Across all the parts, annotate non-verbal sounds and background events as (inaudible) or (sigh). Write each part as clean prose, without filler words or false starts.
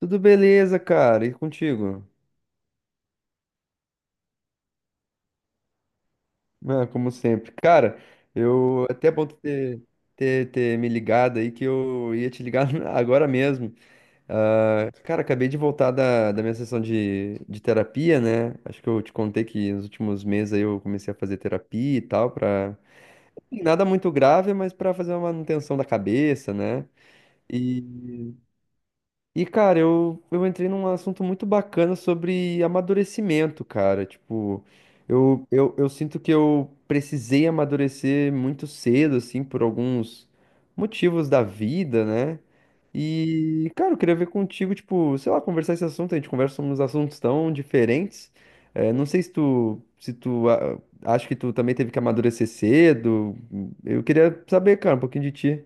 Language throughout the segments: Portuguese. Tudo beleza, cara? E contigo? Ah, como sempre. Cara, eu é até bom tu ter, ter me ligado aí que eu ia te ligar (laughs) agora mesmo. Ah, cara, acabei de voltar da minha sessão de terapia, né? Acho que eu te contei que nos últimos meses aí eu comecei a fazer terapia e tal, pra... Nada muito grave, mas pra fazer uma manutenção da cabeça, né? E cara, eu entrei num assunto muito bacana sobre amadurecimento, cara. Tipo, eu sinto que eu precisei amadurecer muito cedo, assim, por alguns motivos da vida, né? E, cara, eu queria ver contigo, tipo, sei lá, conversar esse assunto. A gente conversa uns assuntos tão diferentes. É, não sei se tu, se tu acha que tu também teve que amadurecer cedo. Eu queria saber, cara, um pouquinho de ti.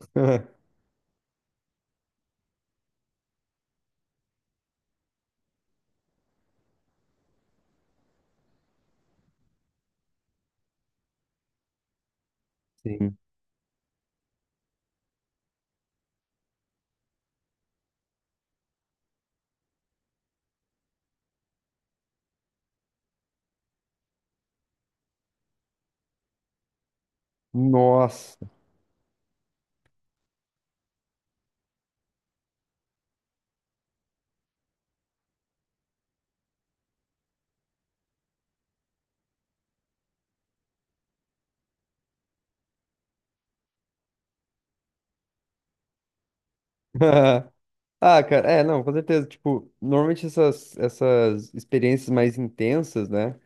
(laughs) Sim. Nossa. (laughs) Ah, cara, é, não, com certeza. Tipo, normalmente essas experiências mais intensas, né?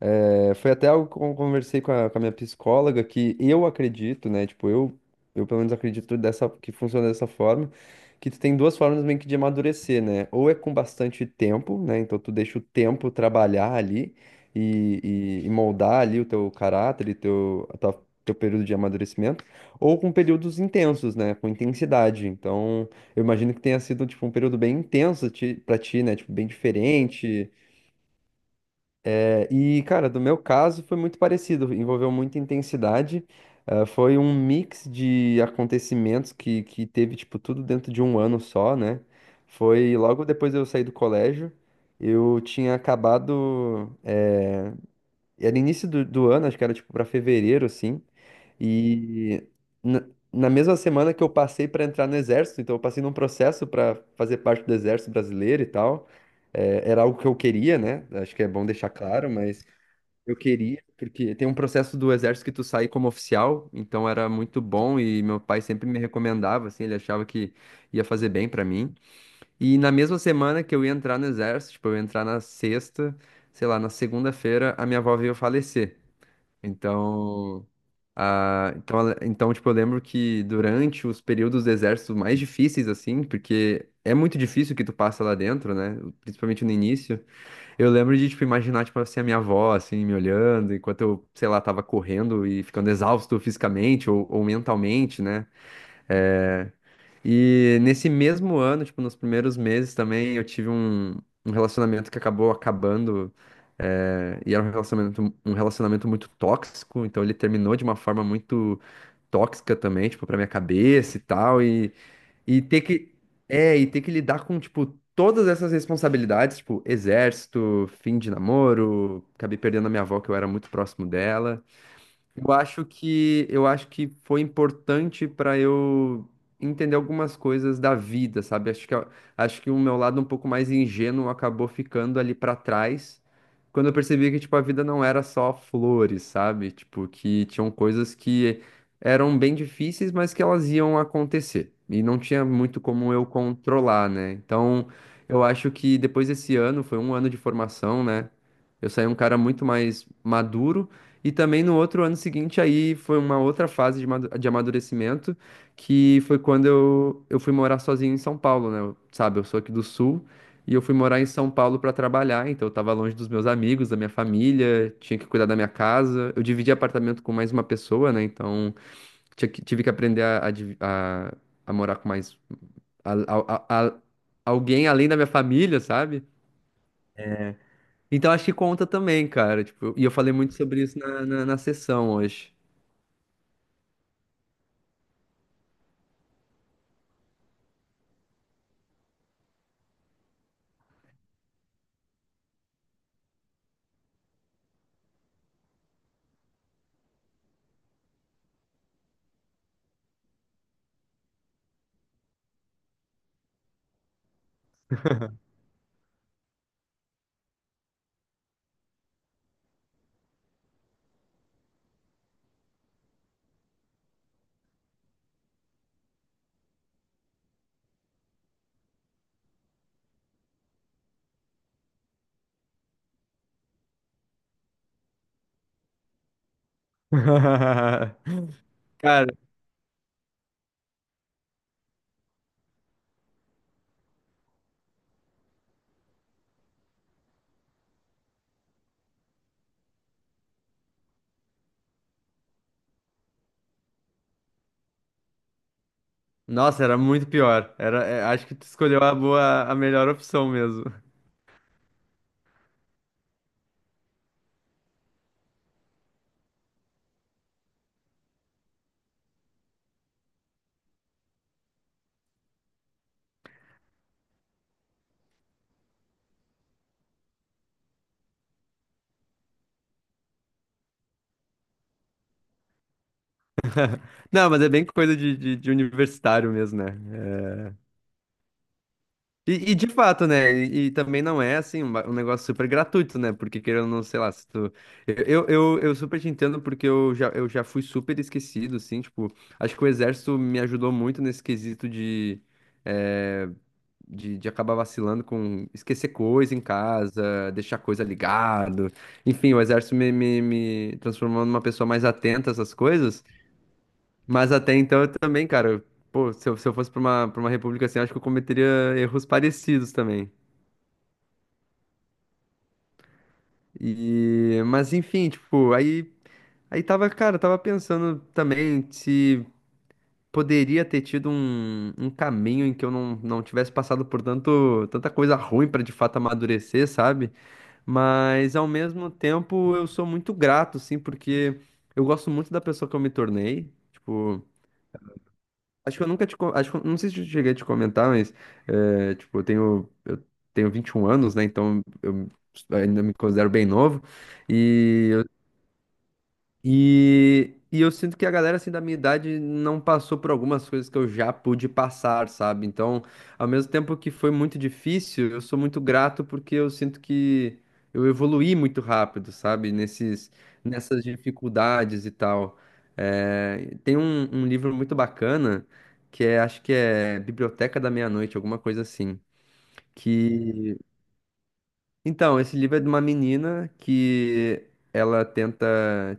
É, foi até algo que eu conversei com a minha psicóloga, que eu acredito, né? Tipo, eu pelo menos acredito dessa, que funciona dessa forma, que tu tem duas formas meio que de amadurecer, né? Ou é com bastante tempo, né? Então tu deixa o tempo trabalhar ali e, e moldar ali o teu caráter e teu, teu período de amadurecimento, ou com períodos intensos, né? Com intensidade. Então, eu imagino que tenha sido, tipo, um período bem intenso pra ti, né? Tipo, bem diferente. E, cara, do meu caso foi muito parecido, envolveu muita intensidade. Foi um mix de acontecimentos que teve, tipo, tudo dentro de um ano só, né? Foi logo depois de eu sair do colégio, eu tinha acabado. Era início do ano, acho que era, tipo, pra fevereiro, assim. E na, na mesma semana que eu passei pra entrar no exército, então eu passei num processo pra fazer parte do exército brasileiro e tal. É, era algo que eu queria, né? Acho que é bom deixar claro, mas. Eu queria, porque tem um processo do exército que tu sai como oficial, então era muito bom e meu pai sempre me recomendava, assim, ele achava que ia fazer bem pra mim. E na mesma semana que eu ia entrar no exército, tipo, eu ia entrar na sexta, sei lá, na segunda-feira, a minha avó veio falecer. Então, tipo, eu lembro que durante os períodos do exército mais difíceis, assim, porque é muito difícil o que tu passa lá dentro, né? Principalmente no início. Eu lembro de, tipo, imaginar, tipo, assim, a minha avó, assim, me olhando, enquanto eu, sei lá, tava correndo e ficando exausto fisicamente ou mentalmente, né? É, E nesse mesmo ano, tipo, nos primeiros meses também, eu tive um, um relacionamento que acabou acabando, é, e era um relacionamento muito tóxico, então ele terminou de uma forma muito tóxica também, tipo, pra minha cabeça e tal, e... E ter que, é, e ter que lidar com, tipo, todas essas responsabilidades, tipo, exército, fim de namoro, acabei perdendo a minha avó, que eu era muito próximo dela. Eu acho que foi importante para eu entender algumas coisas da vida, sabe? Acho que o meu lado um pouco mais ingênuo acabou ficando ali para trás, quando eu percebi que tipo a vida não era só flores, sabe? Tipo que tinham coisas que eram bem difíceis, mas que elas iam acontecer e não tinha muito como eu controlar, né? Então, eu acho que depois desse ano, foi um ano de formação, né? Eu saí um cara muito mais maduro e também no outro ano seguinte, aí foi uma outra fase de de amadurecimento, que foi quando eu fui morar sozinho em São Paulo, né? Sabe, eu sou aqui do Sul e eu fui morar em São Paulo para trabalhar, então eu tava longe dos meus amigos, da minha família, tinha que cuidar da minha casa. Eu dividi apartamento com mais uma pessoa, né? Então tive que aprender a, a morar com mais a- a- a- a- alguém além da minha família, sabe? Então acho que conta também, cara. Tipo, e eu falei muito sobre isso na, na sessão hoje. (laughs) Cara, nossa, era muito pior. Era, é, acho que tu escolheu a boa, a melhor opção mesmo. Não, mas é bem coisa de universitário mesmo, né? É, E, e de fato, né? E também não é assim um, um negócio super gratuito, né? Porque querendo ou não, sei lá, se tu. Eu super te entendo porque eu já fui super esquecido, assim, tipo, acho que o exército me ajudou muito nesse quesito de, eh, de acabar vacilando com esquecer coisa em casa, deixar coisa ligado. Enfim, o exército me transformou numa pessoa mais atenta a essas coisas. Mas até então eu também, cara. Pô, se eu, se eu fosse pra uma república assim, eu acho que eu cometeria erros parecidos também. E, mas enfim, tipo, aí, aí tava, cara, tava pensando também se poderia ter tido um, um caminho em que eu não, não tivesse passado por tanto, tanta coisa ruim pra de fato amadurecer, sabe? Mas ao mesmo tempo eu sou muito grato, assim, porque eu gosto muito da pessoa que eu me tornei. Tipo. Acho, que não sei se eu cheguei a te comentar, mas, é, tipo, eu tenho 21 anos, né? Então eu ainda me considero bem novo. E e eu sinto que a galera assim da minha idade não passou por algumas coisas que eu já pude passar, sabe? Então, ao mesmo tempo que foi muito difícil, eu sou muito grato porque eu sinto que eu evoluí muito rápido, sabe? Nesses, nessas dificuldades e tal. É, tem um, um livro muito bacana que é, acho que é Biblioteca da Meia-Noite, alguma coisa assim. Que então, esse livro é de uma menina que ela tenta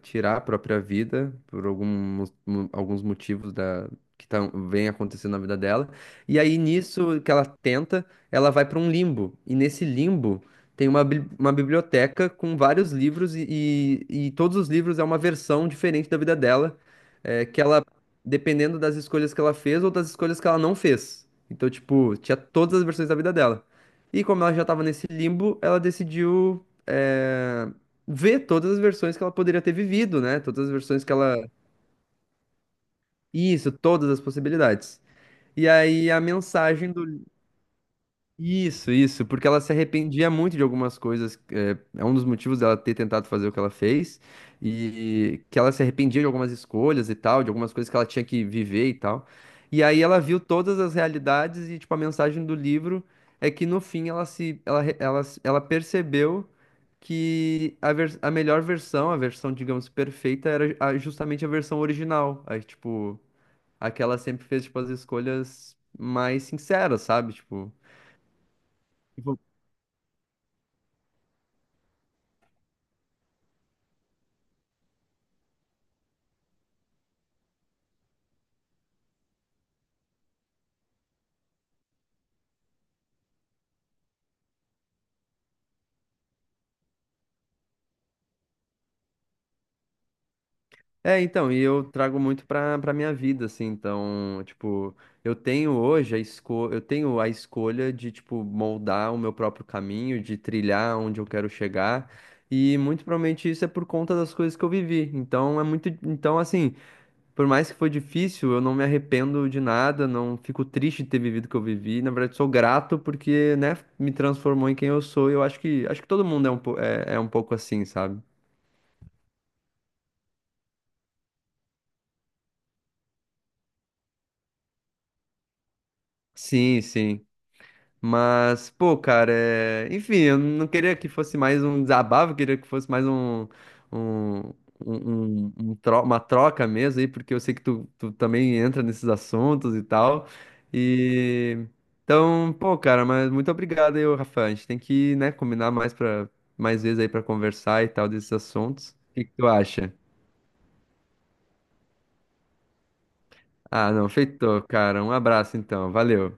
tirar a própria vida por alguns motivos da, que tão, vem acontecendo na vida dela. E aí, nisso que ela tenta, ela vai para um limbo. E nesse limbo tem uma, uma biblioteca com vários livros, e, e todos os livros é uma versão diferente da vida dela, é, que ela, dependendo das escolhas que ela fez ou das escolhas que ela não fez. Então, tipo, tinha todas as versões da vida dela. E como ela já estava nesse limbo, ela decidiu ver todas as versões que ela poderia ter vivido, né? Todas as versões que ela. Isso, todas as possibilidades. E aí a mensagem do Isso, isso, porque ela se arrependia muito de algumas coisas. É, é um dos motivos dela ter tentado fazer o que ela fez, e que ela se arrependia de algumas escolhas e tal, de algumas coisas que ela tinha que viver e tal. E aí ela viu todas as realidades e, tipo, a mensagem do livro é que no fim ela se, ela, re- ela, se- ela percebeu que a melhor versão, a versão, digamos, perfeita, era justamente a versão original. Aí, tipo, aquela sempre fez, tipo, as escolhas mais sinceras, sabe? Tipo. É, então, e eu trago muito pra, pra minha vida, assim, então, tipo, eu tenho hoje a esco eu tenho a escolha de, tipo, moldar o meu próprio caminho, de trilhar onde eu quero chegar, e muito provavelmente isso é por conta das coisas que eu vivi, então é muito, então, assim, por mais que foi difícil, eu não me arrependo de nada, não fico triste de ter vivido o que eu vivi, na verdade, sou grato porque, né, me transformou em quem eu sou, e eu acho que todo mundo é um, é, é um pouco assim, sabe? Sim, sim. Mas, pô, cara, é... enfim, eu não queria que fosse mais um desabafo, eu queria que fosse mais um, um, um- um uma troca mesmo aí, porque eu sei que tu, tu também entra nesses assuntos e tal. E então, pô, cara, mas muito obrigado aí, ô, Rafa. A gente tem que, né, combinar mais para mais vezes aí pra conversar e tal desses assuntos. O que que tu acha? Ah, não, feitou, cara. Um abraço então. Valeu.